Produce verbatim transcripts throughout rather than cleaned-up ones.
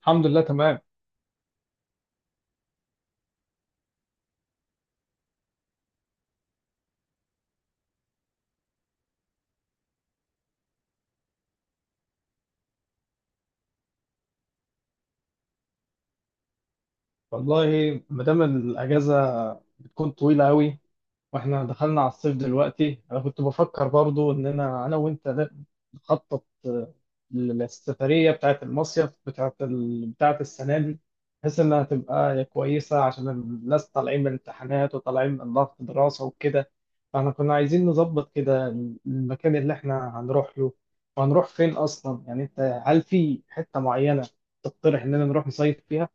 الحمد لله تمام. والله ما دام الاجازه بتكون طويله قوي، واحنا دخلنا على الصيف دلوقتي، انا كنت بفكر برضو اننا انا وانت ن- نخطط آه، للسفريه بتاعت المصيف بتاعت ال... بتاعت السنه دي، بحيث انها تبقى كويسه عشان الناس طالعين من الامتحانات وطالعين من ضغط دراسه وكده. فاحنا كنا عايزين نظبط كده المكان اللي احنا هنروح له، وهنروح فين اصلا؟ يعني انت هل في حته معينه تقترح اننا نروح نصيف فيها؟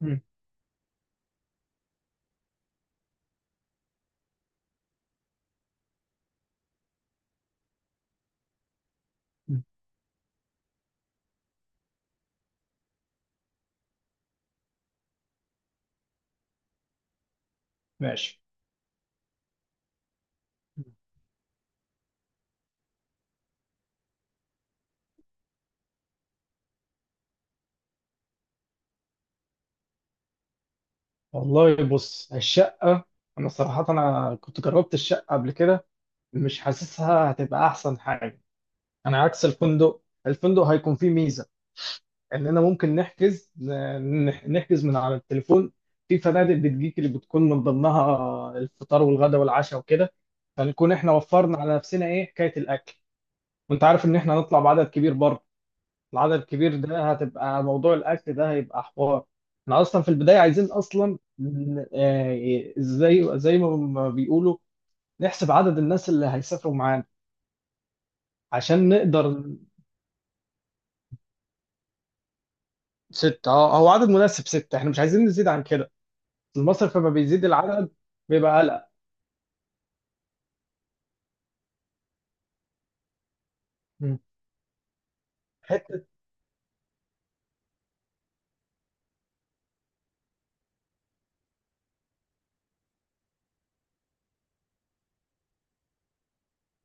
مم. مم. ماشي. والله بص، الشقة أنا صراحة أنا كنت جربت الشقة قبل كده، مش حاسسها هتبقى أحسن حاجة. أنا عكس الفندق، الفندق هيكون فيه ميزة إننا ممكن نحجز ن- نح- نحجز من على التليفون. في فنادق بتجيك اللي بتكون من ضمنها الفطار والغداء والعشاء وكده، فنكون إحنا وفرنا على نفسنا إيه حكاية الأكل. وأنت عارف إن إحنا هنطلع بعدد كبير بره، العدد الكبير ده هتبقى موضوع الاكل ده هيبقى حوار. احنا اصلا في البدايه عايزين اصلا ن- آه، زي زي ما ما بيقولوا نحسب عدد الناس اللي هيسافروا معانا عشان نقدر. ستة، اه، هو عدد مناسب، ستة احنا مش عايزين نزيد عن كده، المصرف لما بيزيد العدد بيبقى قلق. مم. حتة.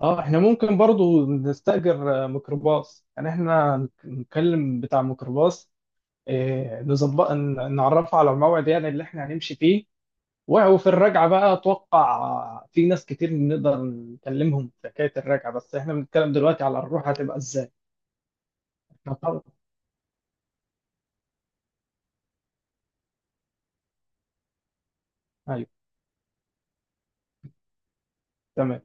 اه احنا ممكن برضو نستأجر آه، ميكروباص، يعني احنا نك- نكلم بتاع ميكروباص، آه، نظبط ن- نعرفه على الموعد يعني اللي احنا هنمشي فيه. وفي الرجعة بقى أتوقع في ناس كتير نقدر نكلمهم في حكاية الرجعة، بس إحنا بنتكلم دلوقتي على الروح هتبقى إزاي؟ إحنا طبعا. أيوه، تمام.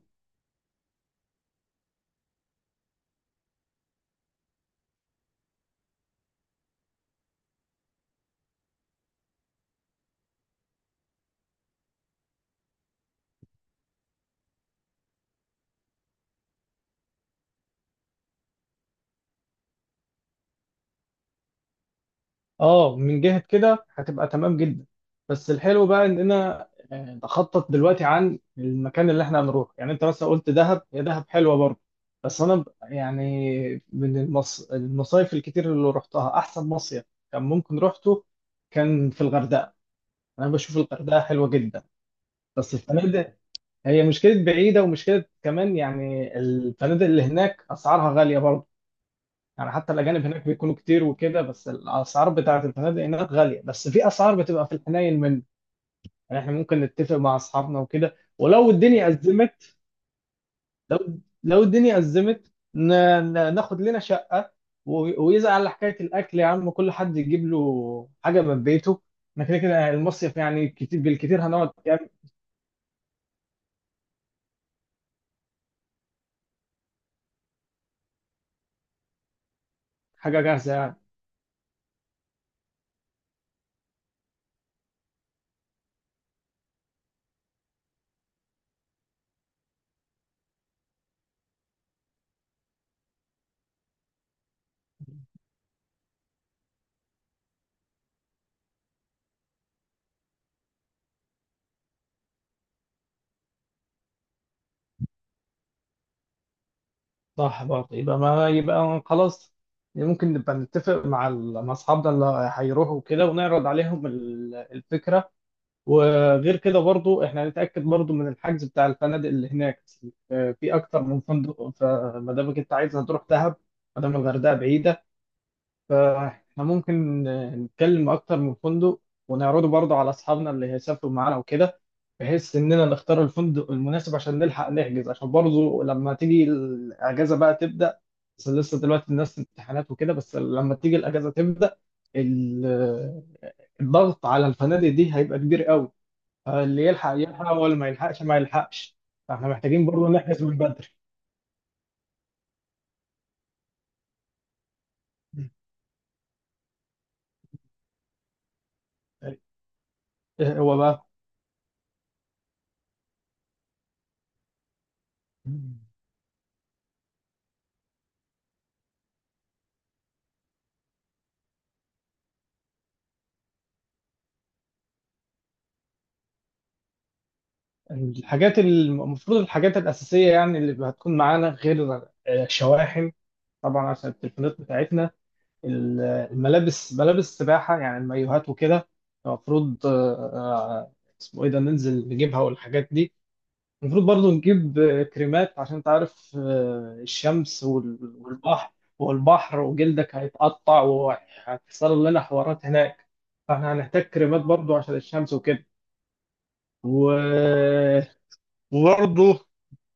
أه، من جهة كده هتبقى تمام جدا، بس الحلو بقى إننا آه، نخطط دلوقتي عن المكان اللي إحنا هنروح. يعني أنت مثلا قلت دهب، هي دهب حلوة برضه، بس أنا ب- يعني من المص... المصايف الكتير اللي رحتها أحسن مصيف كان ممكن روحته كان في الغردقة. أنا بشوف الغردقة حلوة جدا، بس الفنادق هي مشكلة بعيدة ومشكلة كمان. يعني الفنادق اللي هناك أسعارها غالية برضه، يعني حتى الأجانب هناك بيكونوا كتير وكده، بس الأسعار بتاعة الفنادق هناك غالية، بس في أسعار بتبقى في الحنين منه. يعني إحنا ممكن نتفق مع أصحابنا وكده، ولو الدنيا أزمت، لو لو الدنيا أزمت ن- ن- ناخد لنا شقة، و- ويزعل على حكاية الأكل، يا عم كل حد يجيب له حاجة من بيته، إحنا كده كده المصيف يعني كتير بالكتير هنقعد يعني حاجة جاهزة يعني. صح برضه، يبقى ما يبقى خلاص. ممكن نبقى نتفق مع ال- مع اصحابنا اللي هيروحوا كده ونعرض عليهم ال- الفكره. وغير كده برضه احنا هنتاكد برضه من الحجز بتاع الفنادق اللي هناك، آه، في اكتر من فندق. فما دامك انت عايز هتروح دهب، ما دام الغردقه بعيده، فاحنا ممكن آه، نتكلم اكتر من فندق ونعرضه برضه على اصحابنا اللي هيسافروا معانا وكده، بحيث اننا نختار الفندق المناسب عشان نلحق نحجز، عشان برضه لما تيجي الاجازه بقى تبدا. بس لسه دلوقتي الناس في امتحانات وكده، بس لما تيجي الاجازه تبدا ال- الضغط على الفنادق دي هيبقى كبير قوي، اللي يلحق يلحق واللي ما يلحقش ما يلحقش، فاحنا محتاجين برضه نحجز من بدري. إيه هو بقى؟ الحاجات الم- المفروض الحاجات الاساسيه، يعني اللي هتكون معانا غير الشواحن طبعا عشان التليفونات بتاعتنا، ال- الملابس، ملابس السباحة يعني المايوهات وكده المفروض. آه، آه، اسمه ايه ده، ننزل نجيبها والحاجات دي. المفروض برضو نجيب آه، كريمات عشان تعرف آه، الشمس وال- والبحر، والبحر وجلدك هيتقطع وهتحصل لنا حوارات هناك، فاحنا هنحتاج كريمات برضو عشان الشمس وكده. و... وبرضو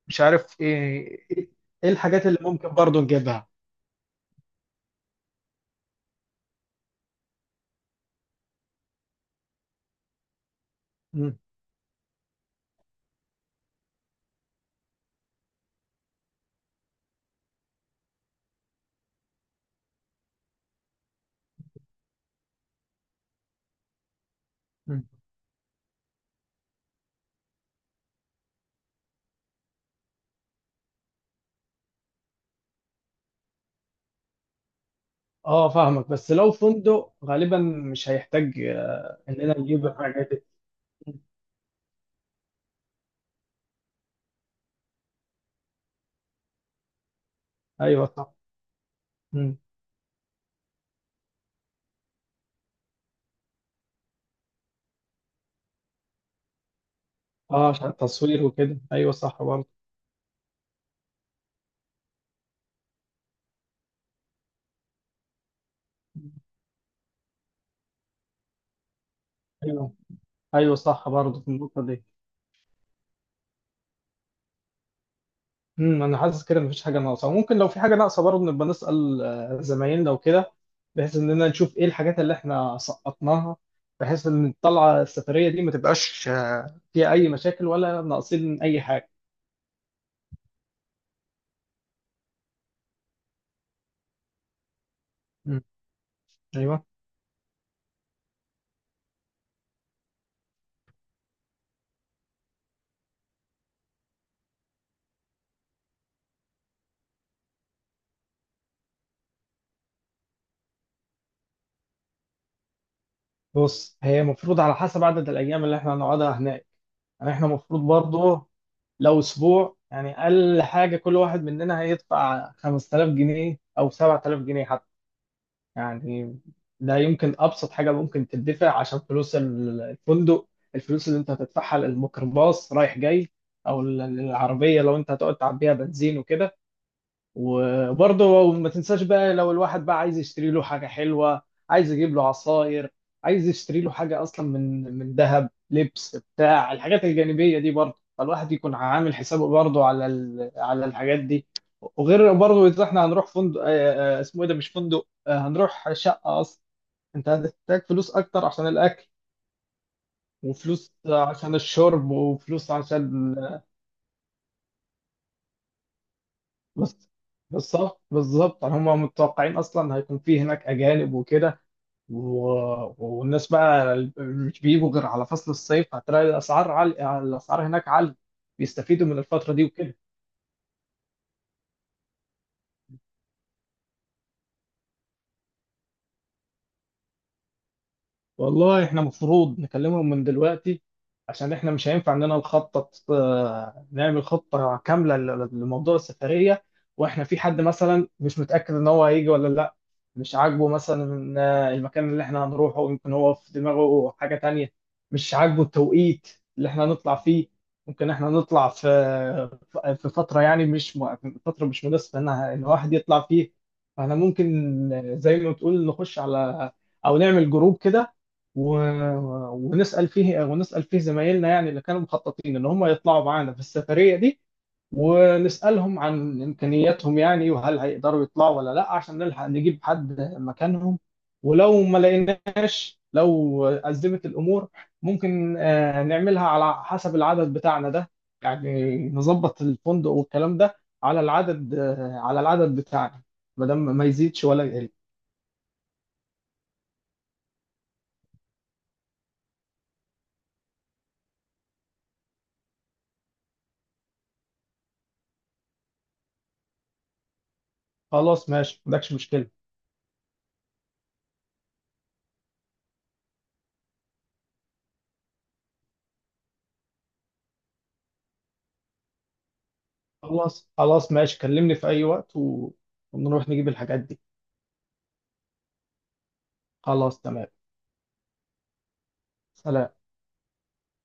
مش عارف ايه، ايه الحاجات اللي ممكن برضو نجيبها. اه فاهمك، بس لو فندق غالبا مش هيحتاج آه، اننا نجيب الحاجات دي. ايوه صح. مم. اه عشان التصوير وكده، ايوه صح برضه. ايوه، ايوه صح برضه في النقطه دي. امم، انا حاسس كده مفيش حاجه ناقصه، ممكن لو في حاجه ناقصه برضه نبقى نسال آه، زمايلنا وكده، بحيث اننا نشوف ايه الحاجات اللي احنا سقطناها، بحيث ان الطلعه السفريه دي ما تبقاش آه، فيها اي مشاكل ولا ناقصين اي حاجه. امم. ايوه. بص، هي المفروض على حسب عدد الايام اللي احنا هنقعدها هناك، يعني احنا المفروض برضه لو اسبوع، يعني اقل حاجه كل واحد مننا هيدفع خمس تلاف جنيه او سبع تلاف جنيه حتى يعني. ده يمكن ابسط حاجه ممكن تدفع عشان فلوس ال- الفندق، الفلوس اللي انت هتدفعها للميكروباص رايح جاي، او ال- العربيه لو انت هتقعد تعبيها بنزين وكده. وبرضه ما تنساش بقى لو الواحد بقى عايز يشتري له حاجة حلوة، عايز يجيب له عصاير، عايز يشتري له حاجة أصلا من من ذهب، لبس بتاع، الحاجات الجانبية دي برضه، فالواحد يكون عامل حسابه برضه على ال... على الحاجات دي. وغير برضه إذا إحنا هنروح فندق، آه، آه، اسمه إيه ده، مش فندق، آه، هنروح شقة أصلا، أنت هتحتاج فلوس أكتر عشان الأكل، وفلوس عشان الشرب، وفلوس عشان. بس بالظبط بالظبط، هما متوقعين أصلا هيكون في هناك أجانب وكده، و- والناس بقى مش بيجوا غير على فصل الصيف، هتلاقي الاسعار عالية، الاسعار هناك عالية، بيستفيدوا من الفترة دي وكده. والله احنا مفروض نكلمهم من دلوقتي، عشان احنا مش هينفع اننا نخطط آه، نعمل خطة كاملة ل- لموضوع السفرية واحنا في حد مثلا مش متأكد ان هو هيجي ولا لا، مش عاجبه مثلا آه، المكان اللي احنا هنروحه، يمكن هو في دماغه حاجة تانية، مش عاجبه التوقيت اللي احنا هنطلع فيه. ممكن احنا نطلع في في فترة، يعني مش م- فترة مش مناسبة ان إن الواحد يطلع فيه. فاحنا ممكن آه، زي ما بتقول نخش على، او نعمل جروب كده و... ونسأل فيه ونسأل فيه زمايلنا يعني اللي كانوا مخططين ان هم يطلعوا معانا في السفرية دي، ونسألهم عن إمكانياتهم يعني وهل هيقدروا يطلعوا ولا لا عشان نلحق نجيب حد مكانهم. ولو ما لقيناش، لو أزمت الأمور، ممكن آه، نعملها على حسب العدد بتاعنا ده، يعني نظبط الفندق والكلام ده على العدد آه، على العدد بتاعنا ما دام ما يزيدش ولا يقل. خلاص ماشي، ما عندكش مشكلة. خلاص خلاص ماشي، كلمني في أي وقت و... ونروح نجيب الحاجات دي. خلاص تمام. سلام.